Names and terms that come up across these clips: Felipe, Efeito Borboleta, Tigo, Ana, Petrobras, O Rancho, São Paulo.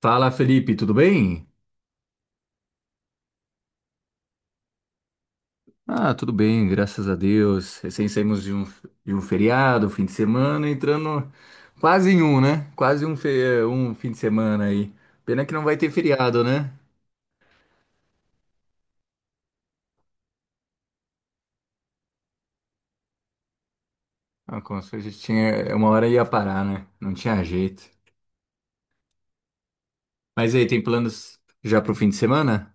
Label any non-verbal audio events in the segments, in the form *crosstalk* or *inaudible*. Fala, Felipe, tudo bem? Ah, tudo bem, graças a Deus. Recém saímos de um feriado, fim de semana, entrando quase em um, né? Quase um, fe- eh, Um fim de semana aí. Pena que não vai ter feriado, né? Ah, como se a gente tinha uma hora ia parar, né? Não tinha jeito. Mas aí, tem planos já pro fim de semana?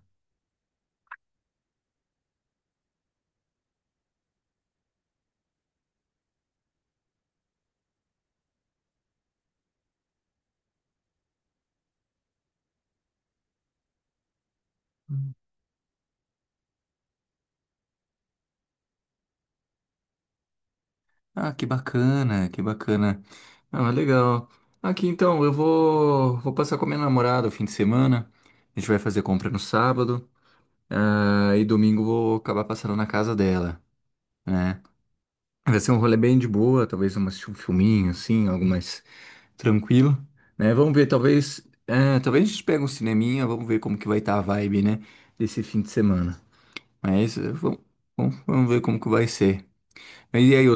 Ah, que bacana, que bacana. Ah, mas legal. Aqui então, vou passar com a minha namorada o fim de semana. A gente vai fazer compra no sábado. Ah, e domingo vou acabar passando na casa dela, né? Vai ser um rolê bem de boa, talvez um filminho, assim, algo mais tranquilo, né? Vamos ver, talvez, é, talvez a gente pegue um cineminha, vamos ver como que vai estar a vibe, né? Desse fim de semana. Mas vamos, vamos, vamos ver como que vai ser. Mas e aí, eu,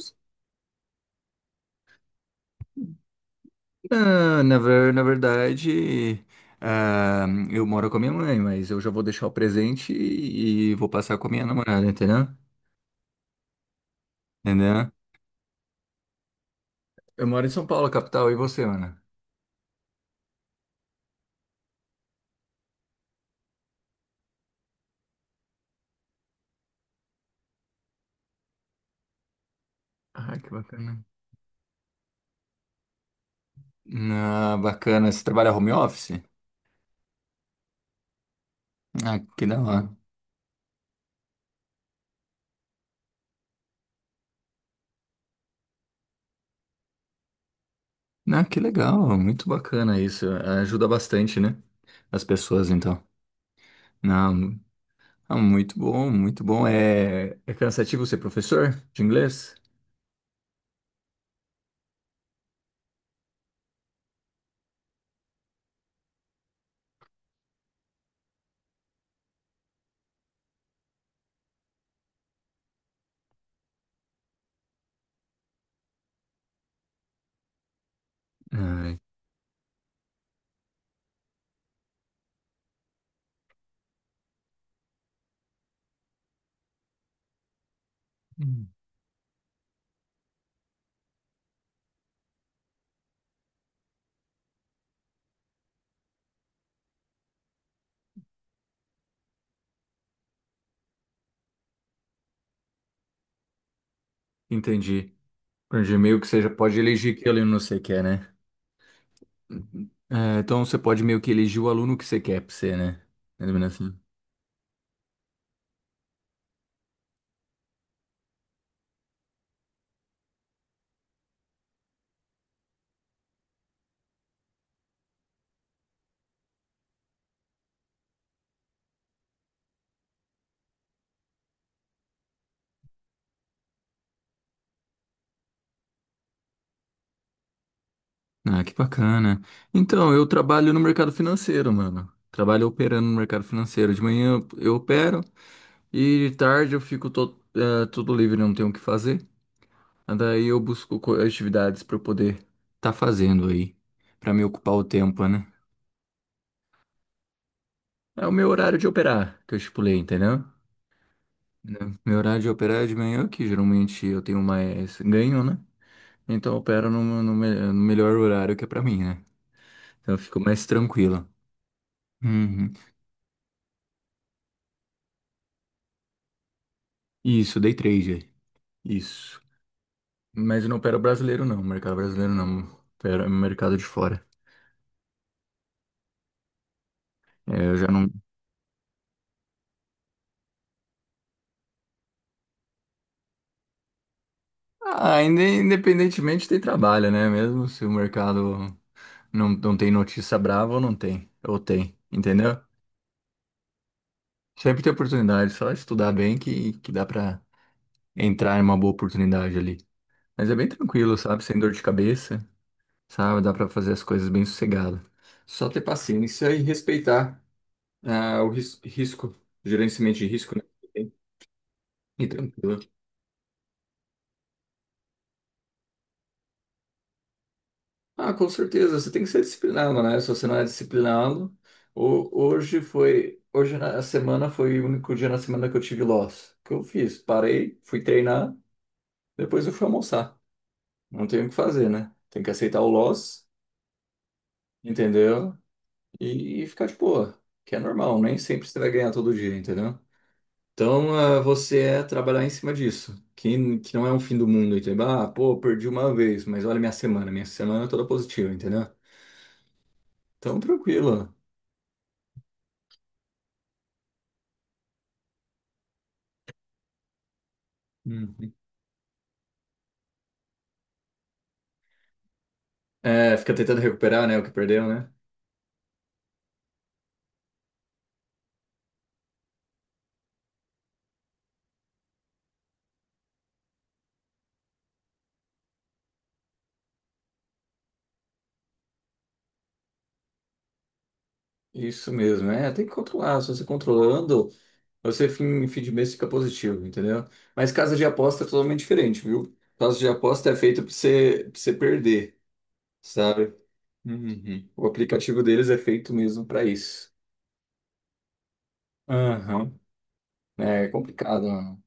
na, na, ver- na verdade, ah, eu moro com a minha mãe, mas eu já vou deixar o presente e vou passar com a minha namorada, entendeu? Entendeu? Eu moro em São Paulo, capital, e você, Ana? Ah, que bacana. Ah, bacana. Você trabalha home office? Ah, que da hora. Ah, que legal. Muito bacana isso. Ajuda bastante, né? As pessoas, então. Não, ah, muito bom, muito bom. É, é cansativo ser professor de inglês? Ah, entendi. Entendi. Meio que você já pode elegir que aluno você quer, né? Uhum. É, então você pode meio que eleger o aluno que você quer pra você, né? Mais ou menos assim. Ah, que bacana. Então, eu trabalho no mercado financeiro, mano. Trabalho operando no mercado financeiro. De manhã eu opero e de tarde eu fico todo, tudo livre, não tenho o que fazer. Daí eu busco atividades para eu poder tá fazendo aí, para me ocupar o tempo, né? É o meu horário de operar que eu estipulei, entendeu? Né? Meu horário de operar é de manhã, que geralmente eu tenho mais ganho, né? Então eu opero no melhor horário que é pra mim, né? Então eu fico mais tranquilo. Uhum. Isso, day trade. Isso. Mas eu não opero brasileiro, não. Mercado brasileiro, não. Opero mercado de fora. É, eu já não. Ah, independentemente tem trabalho, né? Mesmo se o mercado não tem notícia brava ou não tem. Ou tem, entendeu? Sempre tem oportunidade. Só estudar bem que dá pra entrar em uma boa oportunidade ali. Mas é bem tranquilo, sabe? Sem dor de cabeça, sabe? Dá pra fazer as coisas bem sossegado. Só ter paciência e respeitar o risco, gerenciamento de risco, né? E tranquilo. Ah, com certeza, você tem que ser disciplinado, né? Se você não é disciplinado, hoje na semana foi o único dia na semana que eu tive loss. O que eu fiz? Parei, fui treinar, depois eu fui almoçar. Não tenho o que fazer, né? Tem que aceitar o loss, entendeu? E ficar de boa, que é normal, nem sempre você vai ganhar todo dia, entendeu? Então, ah, você é trabalhar em cima disso, que não é um fim do mundo, entendeu? Ah, pô, perdi uma vez, mas olha minha semana é toda positiva, entendeu? Então, tranquilo. Uhum. É, fica tentando recuperar, né, o que perdeu, né? Isso mesmo, é, tem que controlar. Se você controlando, você fim de mês fica positivo, entendeu? Mas casa de aposta é totalmente diferente, viu? Casa de aposta é feita pra você perder, sabe? Uhum. O aplicativo deles é feito mesmo pra isso. Aham. É complicado, mano.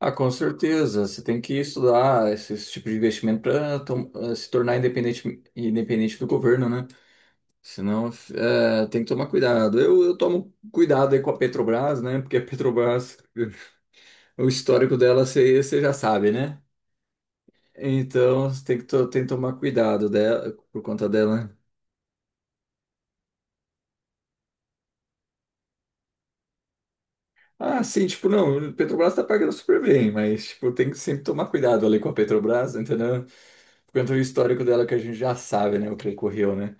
Ah, com certeza. Você tem que estudar esse tipo de investimento para se tornar independente, independente do governo, né? Senão, é, tem que tomar cuidado. Eu tomo cuidado aí com a Petrobras, né? Porque a Petrobras, *laughs* o histórico dela, você já sabe, né? Então, tem que tomar cuidado dela, por conta dela, né? Ah, sim, tipo, não, a Petrobras tá pagando super bem, mas, tipo, tem que sempre tomar cuidado ali com a Petrobras, entendeu? Por conta do histórico dela que a gente já sabe, né? O que ocorreu, né?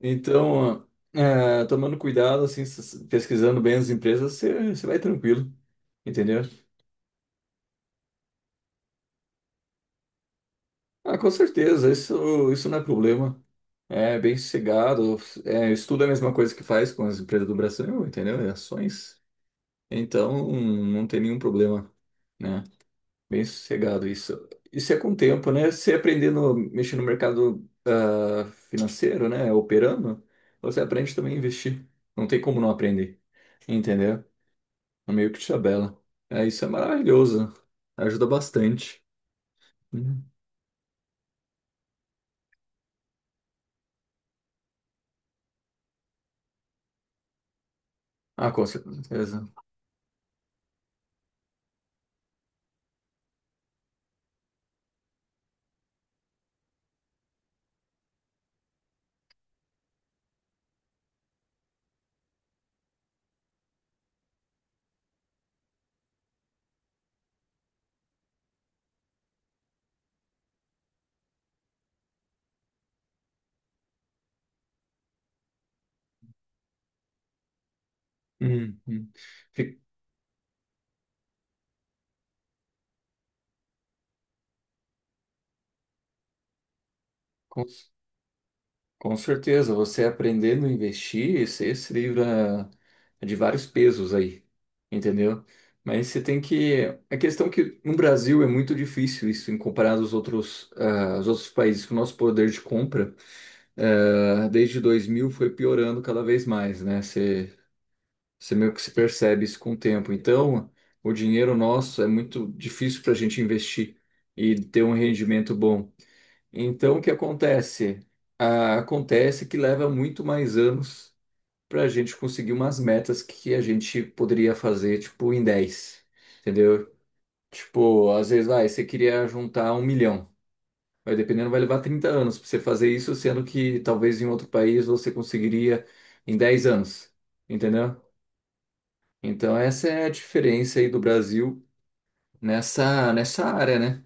Então, é, tomando cuidado, assim, pesquisando bem as empresas, você vai tranquilo, entendeu? Ah, com certeza, isso não é problema. É bem sossegado. É, estudo é a mesma coisa que faz com as empresas do Brasil, entendeu? É ações. Então, não tem nenhum problema, né? Bem sossegado isso. Isso é com o tempo, né? Você aprendendo a mexer no mercado financeiro, né? Operando, você aprende também a investir. Não tem como não aprender, entendeu? É meio que tabela. É, isso é maravilhoso. Ajuda bastante. Hum. Ah, com certeza. Hum, hum. Com, com certeza, você aprendendo a investir, você se livra de vários pesos aí, entendeu? Mas você tem que. A questão é que no Brasil é muito difícil isso em comparado aos outros, ah, aos outros países, que o nosso poder de compra, ah, desde 2000 foi piorando cada vez mais, né? Você meio que se percebe isso com o tempo. Então, o dinheiro nosso é muito difícil para a gente investir e ter um rendimento bom. Então, o que acontece? Ah, acontece que leva muito mais anos para a gente conseguir umas metas que a gente poderia fazer, tipo, em 10 entendeu? Tipo, às vezes, vai, você queria juntar 1 milhão. Vai dependendo, vai levar 30 anos para você fazer isso, sendo que talvez em outro país você conseguiria em 10 anos, entendeu? Então, essa é a diferença aí do Brasil nessa área, né?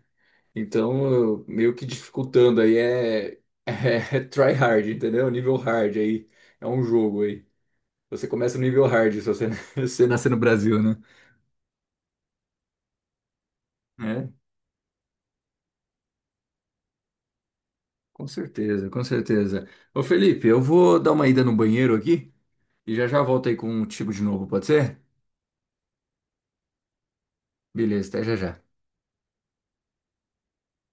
Então, meio que dificultando aí é, *laughs* é, try hard, entendeu? Nível hard aí. É um jogo aí. Você começa no nível hard se você, *laughs* você nascer no Brasil, né? É, com certeza, com certeza. Ô Felipe, eu vou dar uma ida no banheiro aqui e já já volto aí com o Tigo de novo, pode ser? Beleza, até já já.